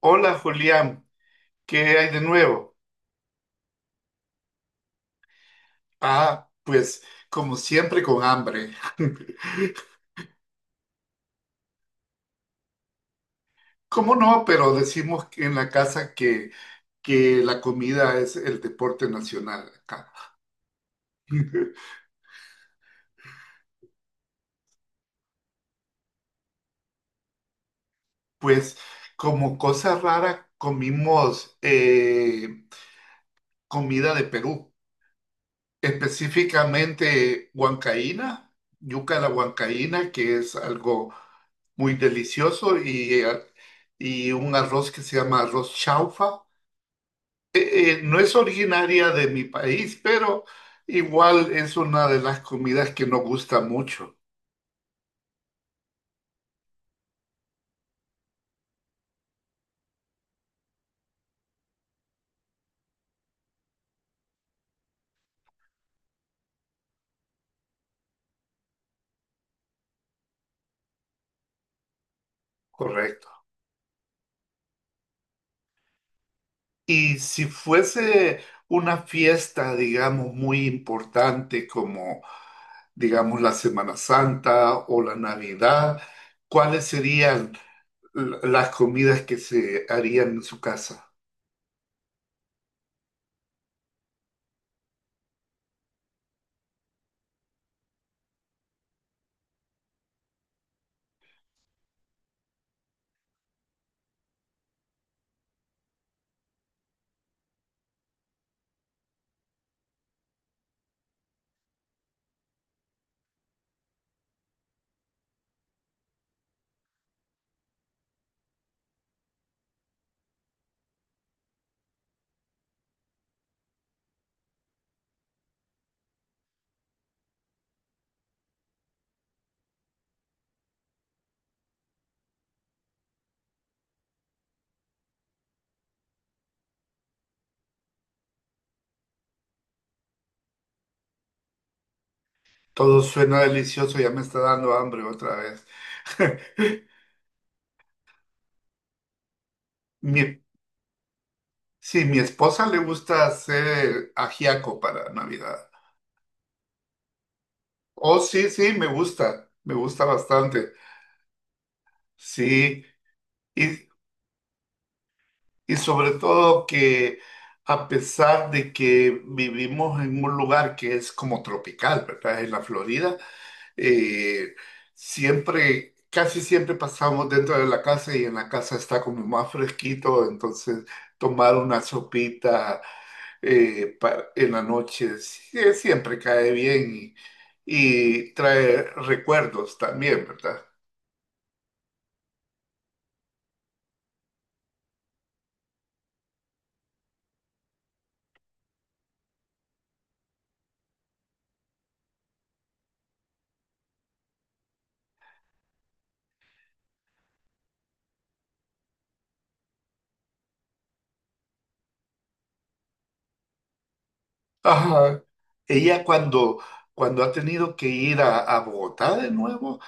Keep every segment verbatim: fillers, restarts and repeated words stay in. Hola Julián, ¿qué hay de nuevo? Ah, pues como siempre con hambre. ¿Cómo no? Pero decimos que en la casa que, que la comida es el deporte nacional acá. Pues como cosa rara comimos eh, comida de Perú. Específicamente huancaína, yuca a la huancaína, que es algo muy delicioso, y, eh, y un arroz que se llama arroz chaufa. Eh, eh, no es originaria de mi país, pero igual es una de las comidas que nos gusta mucho, correcto. Y si fuese una fiesta, digamos, muy importante como, digamos, la Semana Santa o la Navidad, ¿cuáles serían l- las comidas que se harían en su casa? Todo suena delicioso, ya me está dando hambre otra vez. Mi, sí, mi esposa le gusta hacer ajiaco para Navidad. Oh, sí, sí, me gusta, me gusta bastante. Sí, y, y sobre todo que a pesar de que vivimos en un lugar que es como tropical, ¿verdad? En la Florida, eh, siempre, casi siempre pasamos dentro de la casa y en la casa está como más fresquito, entonces tomar una sopita eh, pa- en la noche sí- eh, siempre cae bien y, y trae recuerdos también, ¿verdad? Ajá. Ella cuando, cuando ha tenido que ir a, a Bogotá de nuevo,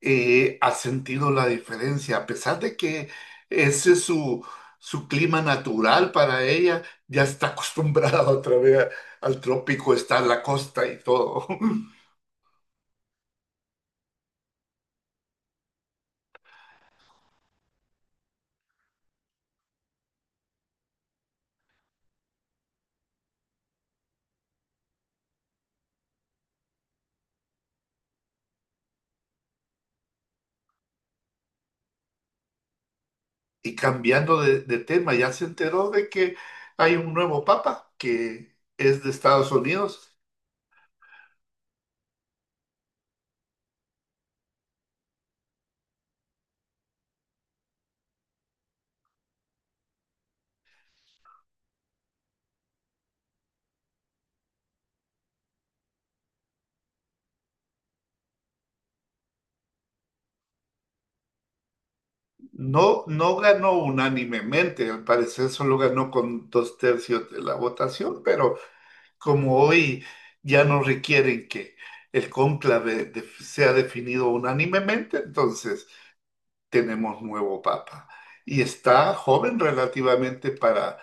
eh, ha sentido la diferencia, a pesar de que ese es su, su clima natural para ella, ya está acostumbrada otra vez a- al trópico, está en la costa y todo. Y cambiando de, de tema, ya se enteró de que hay un nuevo papa que es de Estados Unidos. No, no ganó unánimemente, al parecer solo ganó con dos tercios de la votación, pero como hoy ya no requieren que el cónclave de- sea definido unánimemente, entonces tenemos nuevo papa. Y está joven relativamente para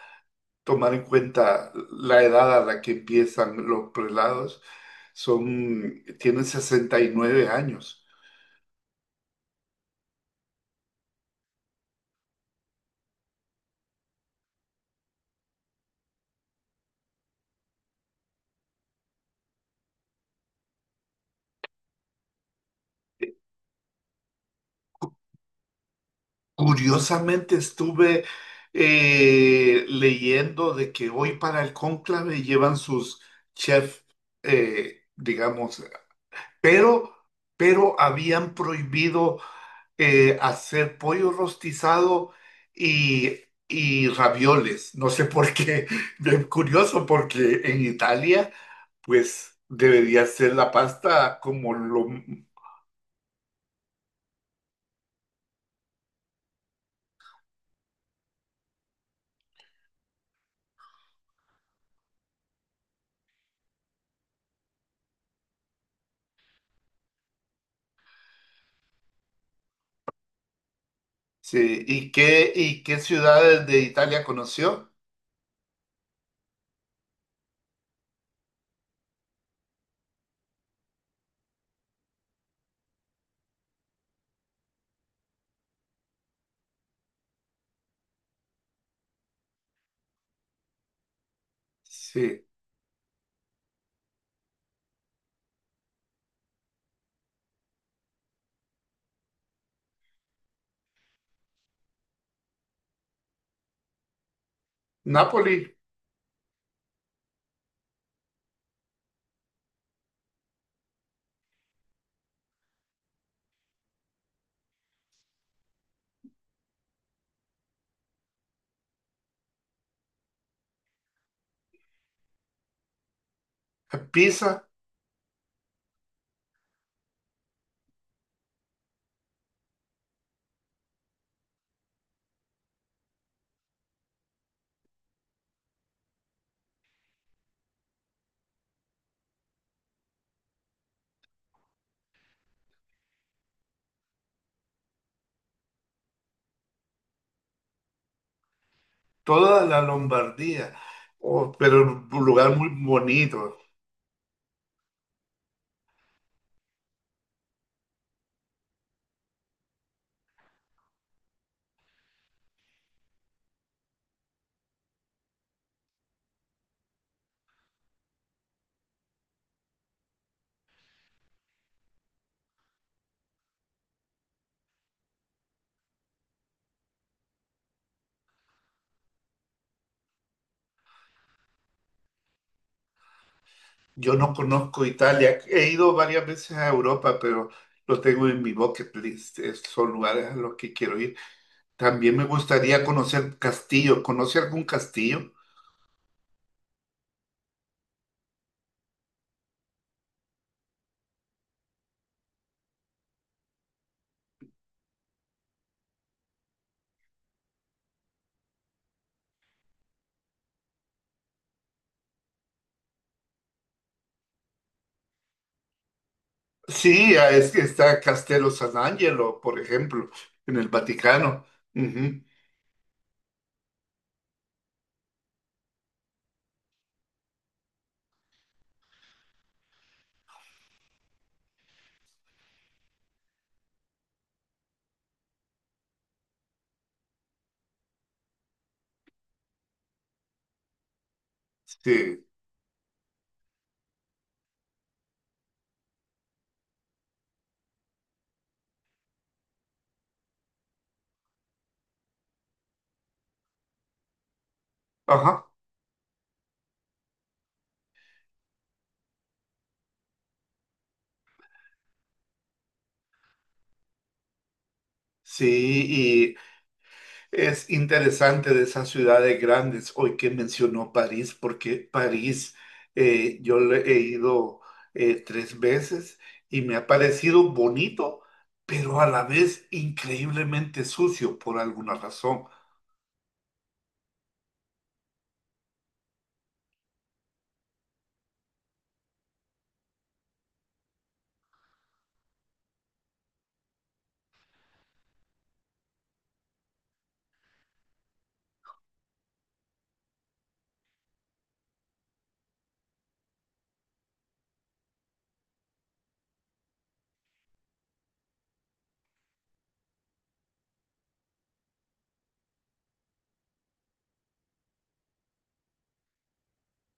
tomar en cuenta la edad a la que empiezan los prelados. Son, tienen sesenta y nueve años. Curiosamente estuve eh, leyendo de que hoy para el cónclave llevan sus chefs, eh, digamos, pero, pero habían prohibido eh, hacer pollo rostizado y, y ravioles. No sé por qué, es curioso, porque en Italia, pues debería ser la pasta como lo... Sí, ¿y qué, ¿y qué ciudades de Italia conoció? Sí, Nápoli, Pisa, toda la Lombardía. Oh, pero un lugar muy bonito. Yo no conozco Italia. He ido varias veces a Europa, pero lo tengo en mi bucket list. Es- son lugares a los que quiero ir. También me gustaría conocer castillos. ¿Conoce algún castillo? Sí, ah, es que está Castello San Angelo, por ejemplo, en el Vaticano. Ujú, sí. Ajá. Sí, es interesante de esas ciudades grandes, hoy que mencionó París, porque París eh, yo le he ido eh, tres veces y me ha parecido bonito, pero a la vez increíblemente sucio por alguna razón.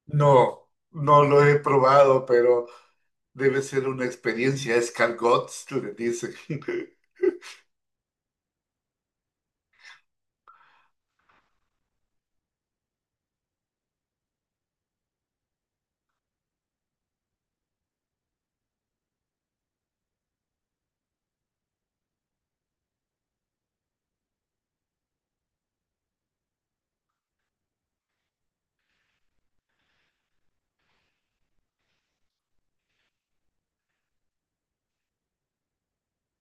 No, no lo he probado, pero debe ser una experiencia. Escargots, le dicen.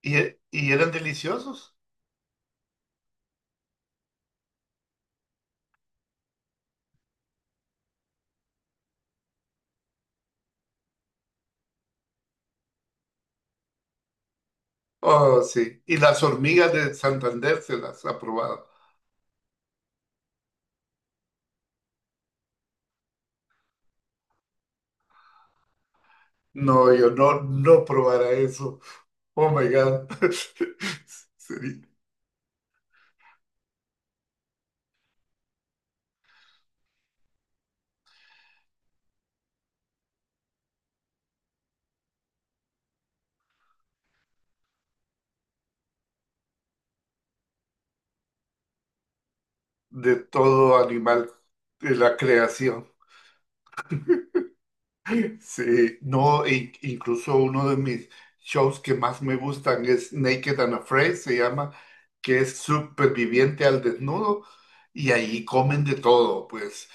¿Y, y eran deliciosos? Oh, sí. Y las hormigas de Santander se las ha probado. No, yo no, no probara eso. Oh my God. Sería de todo animal de la creación. Sí, no, in- incluso uno de mis shows que más me gustan es Naked and Afraid, se llama, que es superviviente al desnudo, y ahí comen de todo, pues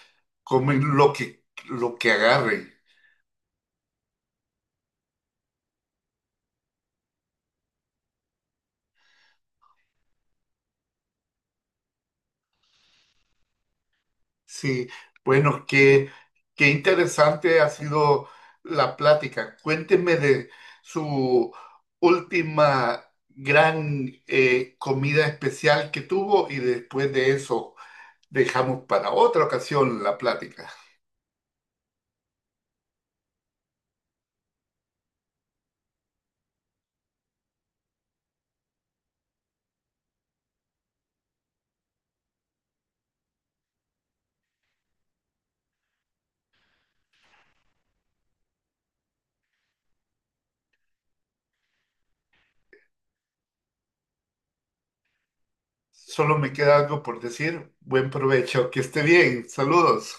comen lo que, lo que agarren. Sí, bueno, qué, qué interesante ha sido la plática. Cuénteme de su última gran eh, comida especial que tuvo y después de eso dejamos para otra ocasión la plática. Solo me queda algo por decir. Buen provecho, que esté bien. Saludos.